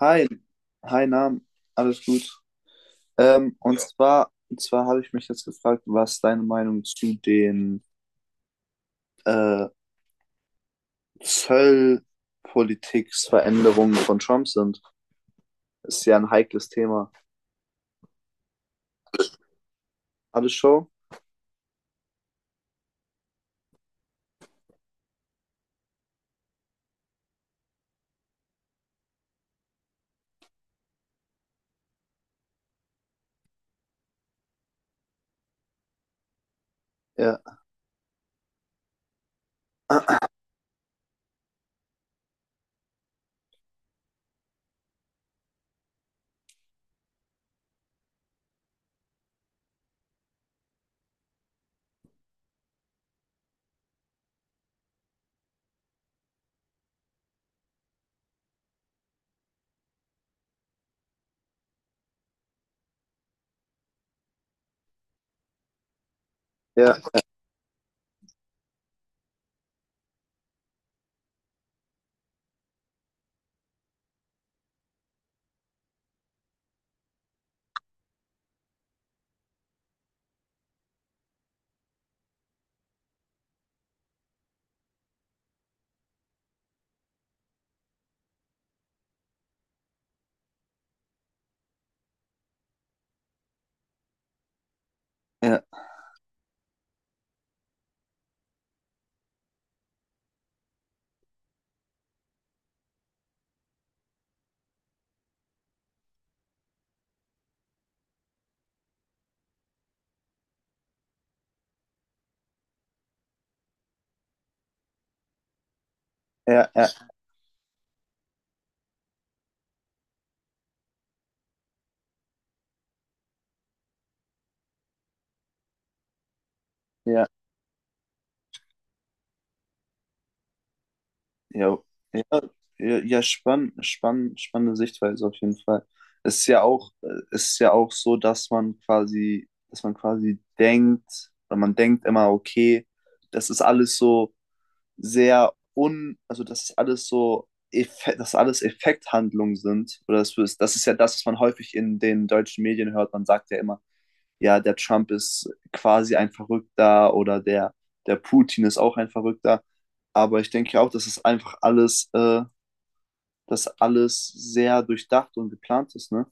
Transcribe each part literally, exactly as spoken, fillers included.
Hi, hi Nam, alles gut. Ähm, und Ja. zwar, und zwar habe ich mich jetzt gefragt, was deine Meinung zu den äh, Zollpolitiksveränderungen von Trump sind. Ist ja ein heikles Thema. Alles Show? Ja, ja, ja, ja, ja, ja. Ja, ja, ja, ja, spann, spann, spannende Sichtweise auf jeden Fall. Es ist ja auch, äh, es ist ja auch so, dass man quasi, dass man quasi denkt, oder man denkt immer, okay, das ist alles so sehr un, also das ist alles so, Effekt, dass alles Effekthandlungen sind. Oder das ist, das ist ja das, was man häufig in den deutschen Medien hört. Man sagt ja immer, ja, der Trump ist quasi ein Verrückter oder der, der Putin ist auch ein Verrückter. Aber ich denke auch, dass es einfach alles, äh, dass alles sehr durchdacht und geplant ist, ne?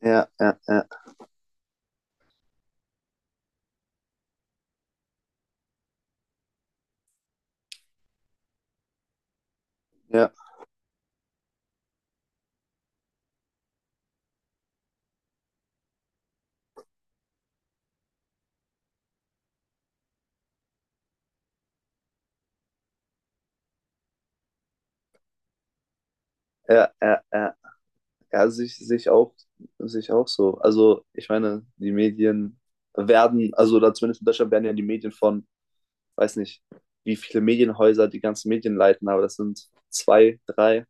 Ja, ja, ja, ja, ja, ja, ja. Ja, sich, sich auch, sich auch so. Also, ich meine, die Medien werden, also oder zumindest in Deutschland werden ja die Medien von, weiß nicht, wie viele Medienhäuser die ganzen Medien leiten, aber das sind zwei, drei,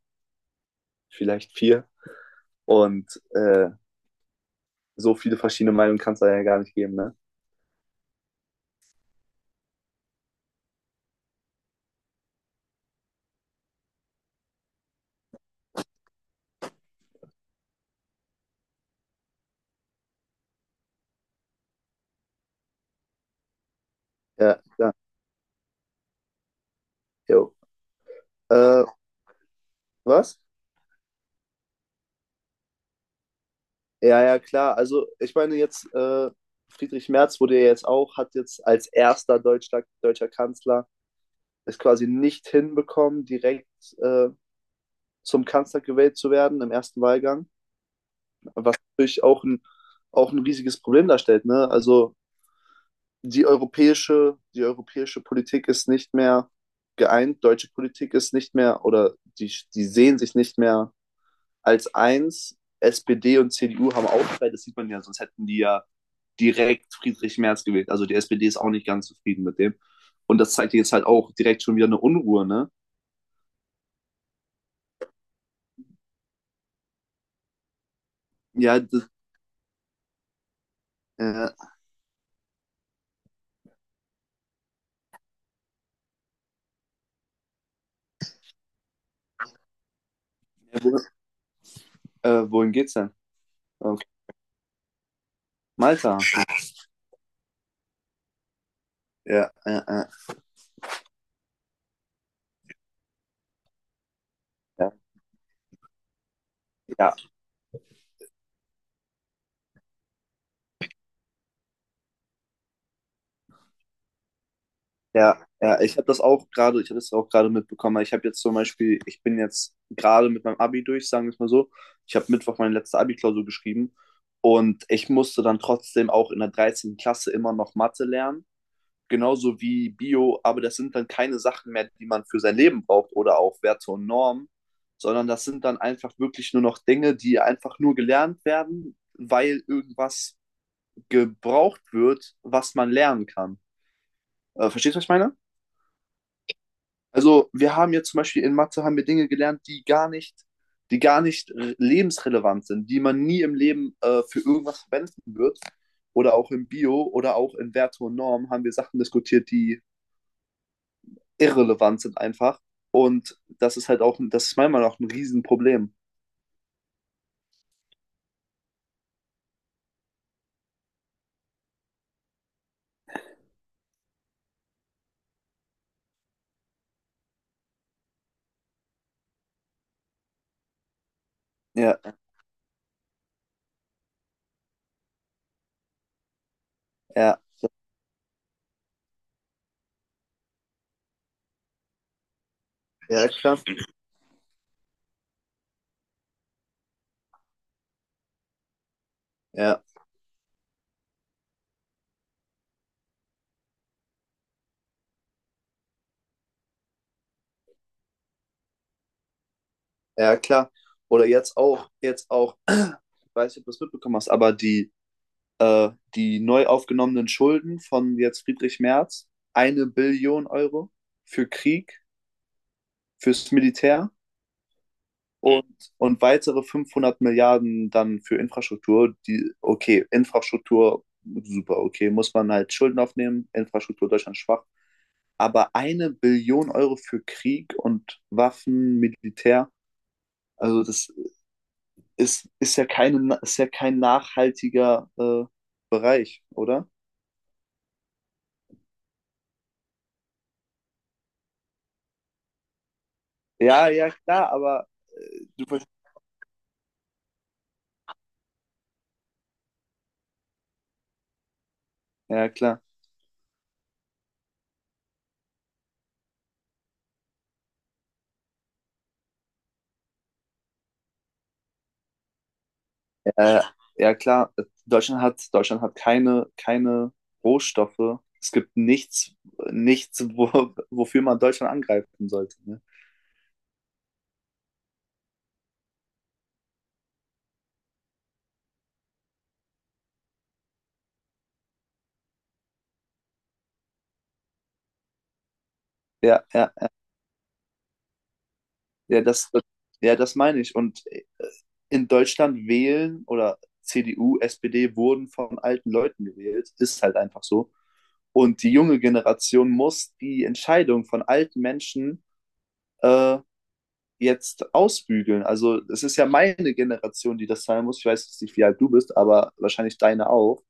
vielleicht vier. Und äh, so viele verschiedene Meinungen kann es da ja gar nicht geben, ne? Ja, ja, jo. Äh, was? Ja, ja, klar. Also, ich meine, jetzt äh, Friedrich Merz wurde ja jetzt auch, hat jetzt als erster deutscher, deutscher Kanzler es quasi nicht hinbekommen, direkt äh, zum Kanzler gewählt zu werden im ersten Wahlgang, was natürlich auch ein, auch ein riesiges Problem darstellt. Ne? Also die europäische, die europäische Politik ist nicht mehr geeint, deutsche Politik ist nicht mehr oder die, die sehen sich nicht mehr als eins. S P D und C D U haben Aufschrei, das sieht man ja, sonst hätten die ja direkt Friedrich Merz gewählt. Also die S P D ist auch nicht ganz zufrieden mit dem. Und das zeigt jetzt halt auch direkt schon wieder eine Unruhe, ne? Ja, das, äh, wo, äh, wohin geht's denn? Auf Malta. Ja, ja, ja, ja, ja, ja, ja. Ich habe das auch gerade, ich habe das auch gerade mitbekommen. Ich habe jetzt zum Beispiel, ich bin jetzt gerade mit meinem Abi durch, sagen wir es mal so. Ich habe Mittwoch meine letzte Abi-Klausur geschrieben und ich musste dann trotzdem auch in der dreizehnten Klasse immer noch Mathe lernen, genauso wie Bio, aber das sind dann keine Sachen mehr, die man für sein Leben braucht oder auch Werte und Normen, sondern das sind dann einfach wirklich nur noch Dinge, die einfach nur gelernt werden, weil irgendwas gebraucht wird, was man lernen kann. Äh, verstehst du, was ich meine? Also, wir haben jetzt zum Beispiel in Mathe haben wir Dinge gelernt, die gar nicht, die gar nicht re- lebensrelevant sind, die man nie im Leben äh, für irgendwas verwenden wird. Oder auch im Bio oder auch in Werte und Norm haben wir Sachen diskutiert, die irrelevant sind einfach. Und das ist halt auch, ein- das ist meiner Meinung nach ein Riesenproblem. Ja, ja, ja, klar. Ja, ja, klar. Oder jetzt auch, jetzt auch, ich weiß nicht, ob du es mitbekommen hast, aber die äh, die neu aufgenommenen Schulden von jetzt Friedrich Merz, eine Billion Euro für Krieg, fürs Militär und, und weitere fünfhundert Milliarden dann für Infrastruktur. Die, okay, Infrastruktur, super, okay, muss man halt Schulden aufnehmen, Infrastruktur Deutschland schwach. Aber eine Billion Euro für Krieg und Waffen, Militär, also das ist, ist, ja, keine, ist ja kein nachhaltiger äh, Bereich, oder? Ja, ja, klar, aber äh, du, ja, klar. Äh, ja, klar. Deutschland hat, Deutschland hat keine, keine Rohstoffe. Es gibt nichts, nichts, wo, wofür man Deutschland angreifen sollte. Ne? Ja, ja, ja, das, ja, das meine ich. Und äh, in Deutschland wählen oder C D U, S P D wurden von alten Leuten gewählt. Ist halt einfach so. Und die junge Generation muss die Entscheidung von alten Menschen äh, jetzt ausbügeln. Also es ist ja meine Generation, die das zahlen muss. Ich weiß jetzt nicht, wie alt du bist, aber wahrscheinlich deine auch.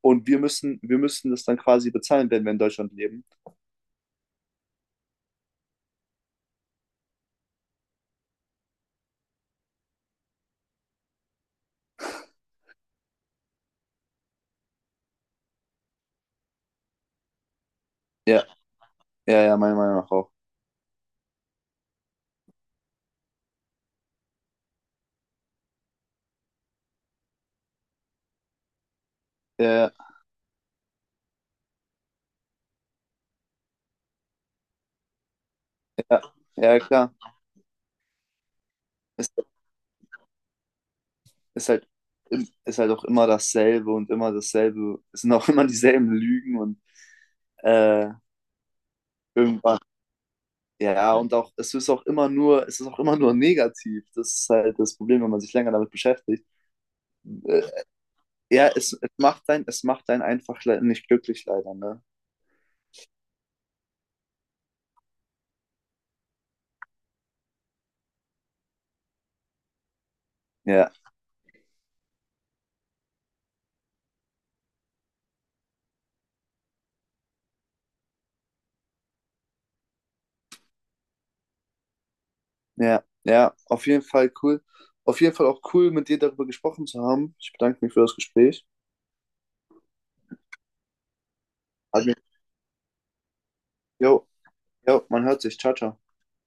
Und wir müssen, wir müssen das dann quasi bezahlen, wenn wir in Deutschland leben. Ja, ja, ja, meiner Meinung nach auch. Ja, ja, ja, ja, ja, klar. Ist, ist halt, im- ist halt auch immer dasselbe und immer dasselbe. Es sind auch immer dieselben Lügen und äh, irgendwann. Ja, und auch, es ist auch immer nur, es ist auch immer nur negativ. Das ist halt das Problem, wenn man sich länger damit beschäftigt. Äh, ja, es, es macht sein, es macht einen einfach le- nicht glücklich leider, ne? Ja, ja, ja, auf jeden Fall cool. Auf jeden Fall auch cool, mit dir darüber gesprochen zu haben. Ich bedanke mich für das Gespräch. Hat mich, jo, jo, man hört sich. Ciao, ciao.